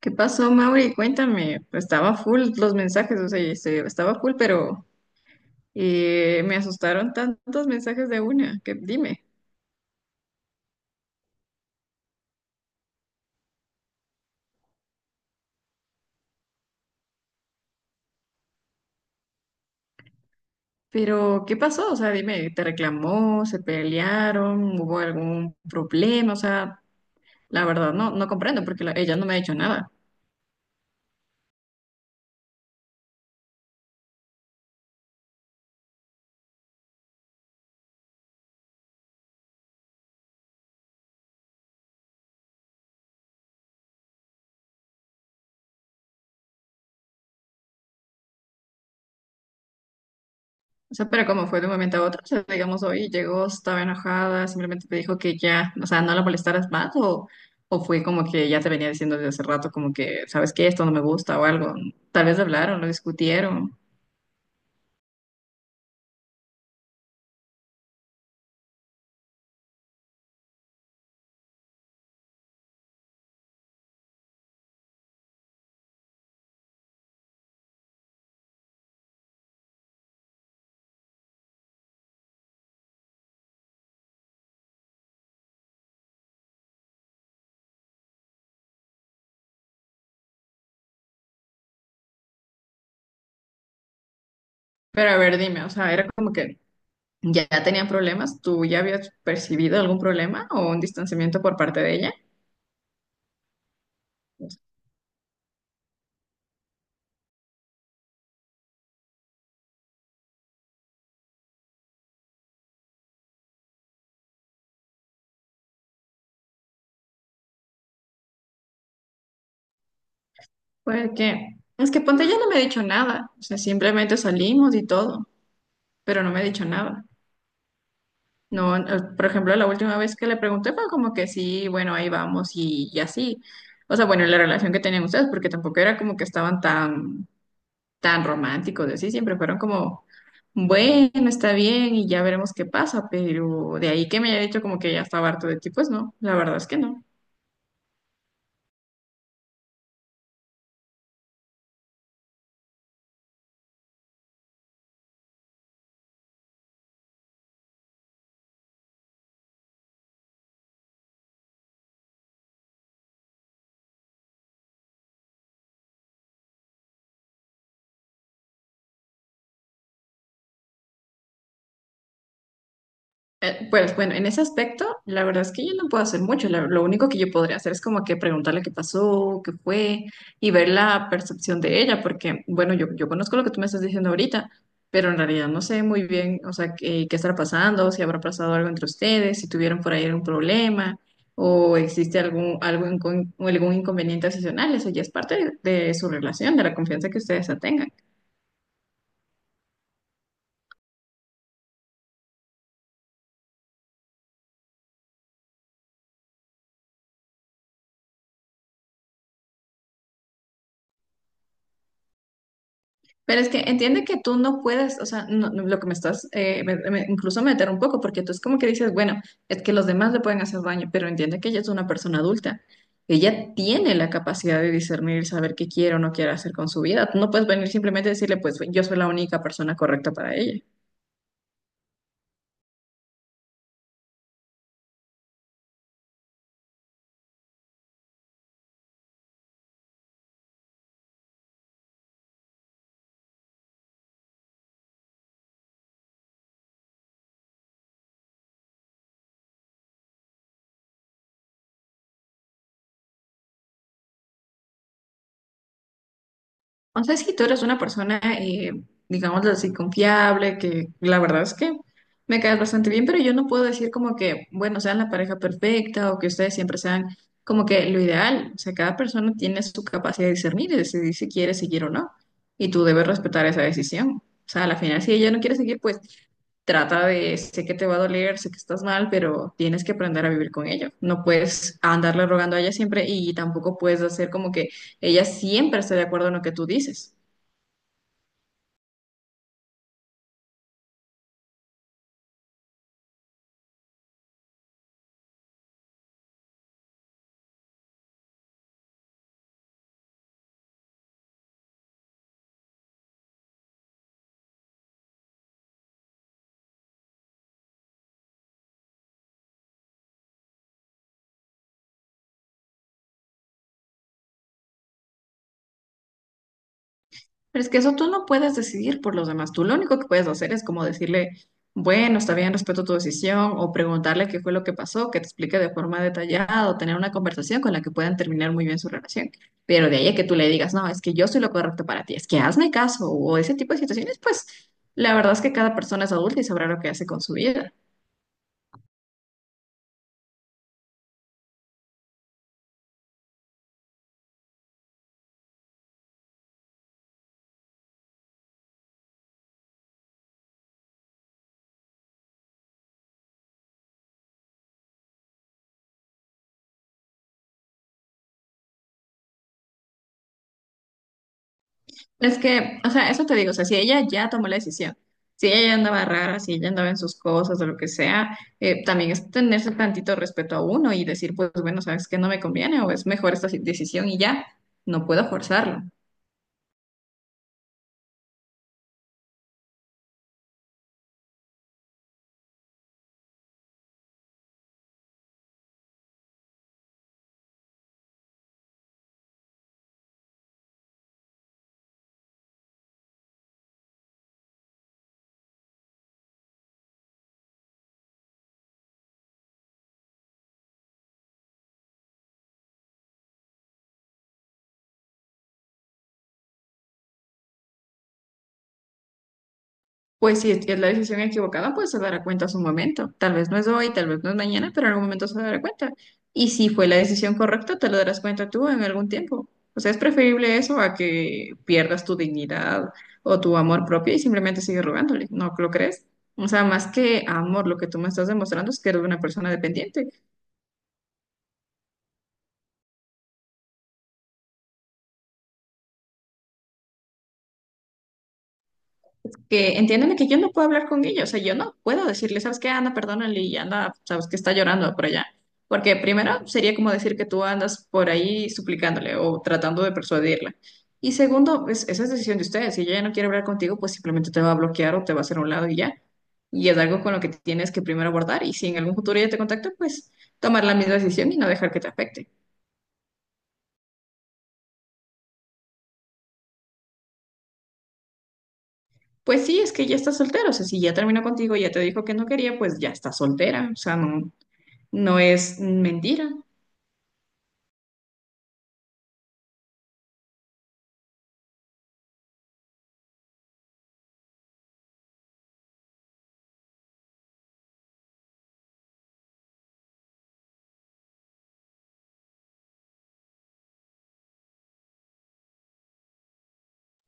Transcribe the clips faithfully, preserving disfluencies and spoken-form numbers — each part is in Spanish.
¿Qué pasó, Mauri? Cuéntame. Pues estaba full los mensajes, o sea, y se- estaba full, pero eh, me asustaron tantos mensajes de una, que dime. Pero, ¿qué pasó? O sea, dime, ¿te reclamó? ¿Se pelearon? ¿Hubo algún problema? O sea, la verdad no, no comprendo porque la- ella no me ha dicho nada. O sea, pero como fue de un momento a otro, o sea, digamos, hoy llegó, estaba enojada, simplemente te dijo que ya, o sea, no la molestaras más, o, o fue como que ya te venía diciendo desde hace rato, como que, ¿sabes qué? Esto no me gusta o algo. Tal vez hablaron, lo discutieron. Pero a ver, dime, o sea, era como que ya tenían problemas, ¿tú ya habías percibido algún problema o un distanciamiento por parte de ella? Fue que, es que ponte, ya no me ha dicho nada, o sea, simplemente salimos y todo, pero no me ha dicho nada. No, eh, por ejemplo, la última vez que le pregunté fue como que sí, bueno, ahí vamos y, y así. O sea, bueno, la relación que tenían ustedes, porque tampoco era como que estaban tan, tan románticos, y así, siempre fueron como, bueno, está bien y ya veremos qué pasa, pero de ahí que me haya dicho como que ya estaba harto de ti, pues no, la verdad es que no. Eh, pues bueno, en ese aspecto, la verdad es que yo no puedo hacer mucho. La- lo único que yo podría hacer es como que preguntarle qué pasó, qué fue y ver la percepción de ella, porque bueno, yo, yo conozco lo que tú me estás diciendo ahorita, pero en realidad no sé muy bien, o sea, qué, qué estará pasando, si habrá pasado algo entre ustedes, si tuvieron por ahí algún problema o existe algún, algo incon- o algún inconveniente adicional. Eso ya es parte de, de su relación, de la confianza que ustedes ya tengan. Pero es que entiende que tú no puedes, o sea, no- no- lo que me estás, eh, me- me- incluso meter un poco, porque tú es como que dices, bueno, es que los demás le pueden hacer daño, pero entiende que ella es una persona adulta. Ella tiene la capacidad de discernir, saber qué quiere o no quiere hacer con su vida. Tú no puedes venir simplemente a decirle, pues yo soy la única persona correcta para ella. O sea, si tú eres una persona, eh, digámoslo así, confiable, que la verdad es que me caes bastante bien, pero yo no puedo decir como que, bueno, sean la pareja perfecta o que ustedes siempre sean como que lo ideal. O sea, cada persona tiene su capacidad de discernir y decidir si quiere seguir o no. Y tú debes respetar esa decisión. O sea, a la final, si ella no quiere seguir, pues trata de, sé que te va a doler, sé que estás mal, pero tienes que aprender a vivir con ello. No puedes andarle rogando a ella siempre y tampoco puedes hacer como que ella siempre está de acuerdo en lo que tú dices. Pero es que eso tú no puedes decidir por los demás. Tú lo único que puedes hacer es como decirle, bueno, está bien, respeto tu decisión, o preguntarle qué fue lo que pasó, que te explique de forma detallada, o tener una conversación con la que puedan terminar muy bien su relación. Pero de ahí a que tú le digas, no, es que yo soy lo correcto para ti, es que hazme caso, o ese tipo de situaciones, pues la verdad es que cada persona es adulta y sabrá lo que hace con su vida. Es que, o sea, eso te digo, o sea, si ella ya tomó la decisión, si ella ya andaba rara, si ella andaba en sus cosas o lo que sea, eh, también es tenerse tantito respeto a uno y decir, pues bueno, sabes que no me conviene o es mejor esta si- decisión y ya, no puedo forzarlo. Pues si es es la decisión equivocada, pues se dará cuenta a su momento. Tal vez no es hoy, tal vez no es mañana, pero en algún momento se dará cuenta. Y si fue la decisión correcta, te lo darás cuenta tú en algún tiempo. O sea, es preferible eso a que pierdas tu dignidad o tu amor propio y simplemente sigues rogándole. ¿No lo crees? O sea, más que amor, lo que tú me estás demostrando es que eres una persona dependiente. Que entiéndeme que yo no puedo hablar con ellos, o sea, yo no puedo decirle, ¿sabes qué? Anda perdónale y anda, sabes que está llorando por allá. Porque primero sería como decir que tú andas por ahí suplicándole o tratando de persuadirla. Y segundo, es, esa es decisión de ustedes. Si ella ya no quiere hablar contigo, pues simplemente te va a bloquear o te va a hacer a un lado y ya. Y es algo con lo que tienes que primero abordar. Y si en algún futuro ella te contacta, pues tomar la misma decisión y no dejar que te afecte. Pues sí, es que ya está soltera. O sea, si ya terminó contigo, ya te dijo que no quería, pues ya está soltera. O sea, no, no es mentira,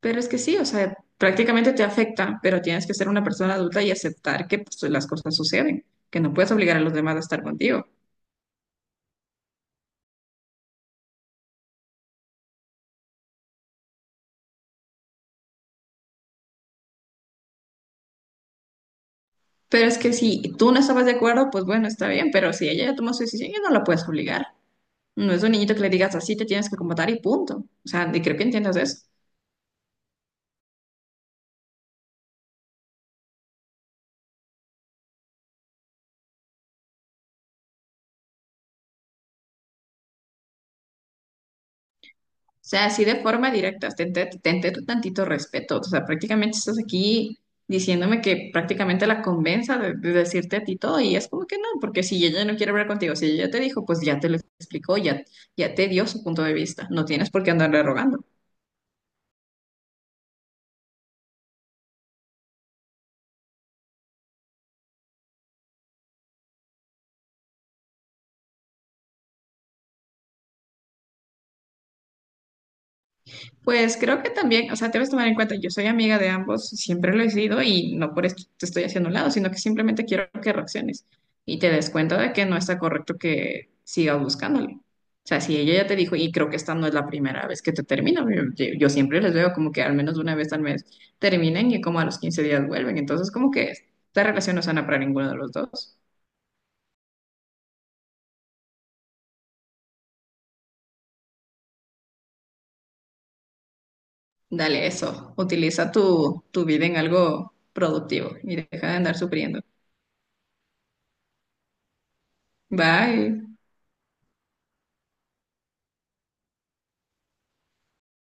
pero es que sí, o sea, prácticamente te afecta, pero tienes que ser una persona adulta y aceptar que pues, las cosas suceden, que no puedes obligar a los demás a estar contigo. Pero es que si tú no estabas de acuerdo, pues bueno, está bien, pero si ella ya tomó su decisión, ya no la puedes obligar. No es un niñito que le digas así, te tienes que comportar y punto. O sea, y creo que entiendas eso. Sea, así de forma directa, tente, tente tu tantito respeto. O sea, prácticamente estás aquí diciéndome que prácticamente la convenza de, de decirte a ti todo y es como que no, porque si ella no quiere hablar contigo, si ella ya te dijo, pues ya te lo explicó, ya, ya te dio su punto de vista. No tienes por qué andarle rogando. Pues creo que también, o sea, debes tomar en cuenta, yo soy amiga de ambos, siempre lo he sido y no por esto te estoy haciendo a un lado, sino que simplemente quiero que reacciones y te des cuenta de que no está correcto que sigas buscándole. O sea, si ella ya te dijo, y creo que esta no es la primera vez que te termina, yo, yo- yo siempre les veo como que al menos una vez al mes terminen y como a los quince días vuelven, entonces como que esta relación no es sana para ninguno de los dos. Dale eso, utiliza tu, tu vida en algo productivo y deja de andar sufriendo. Bye.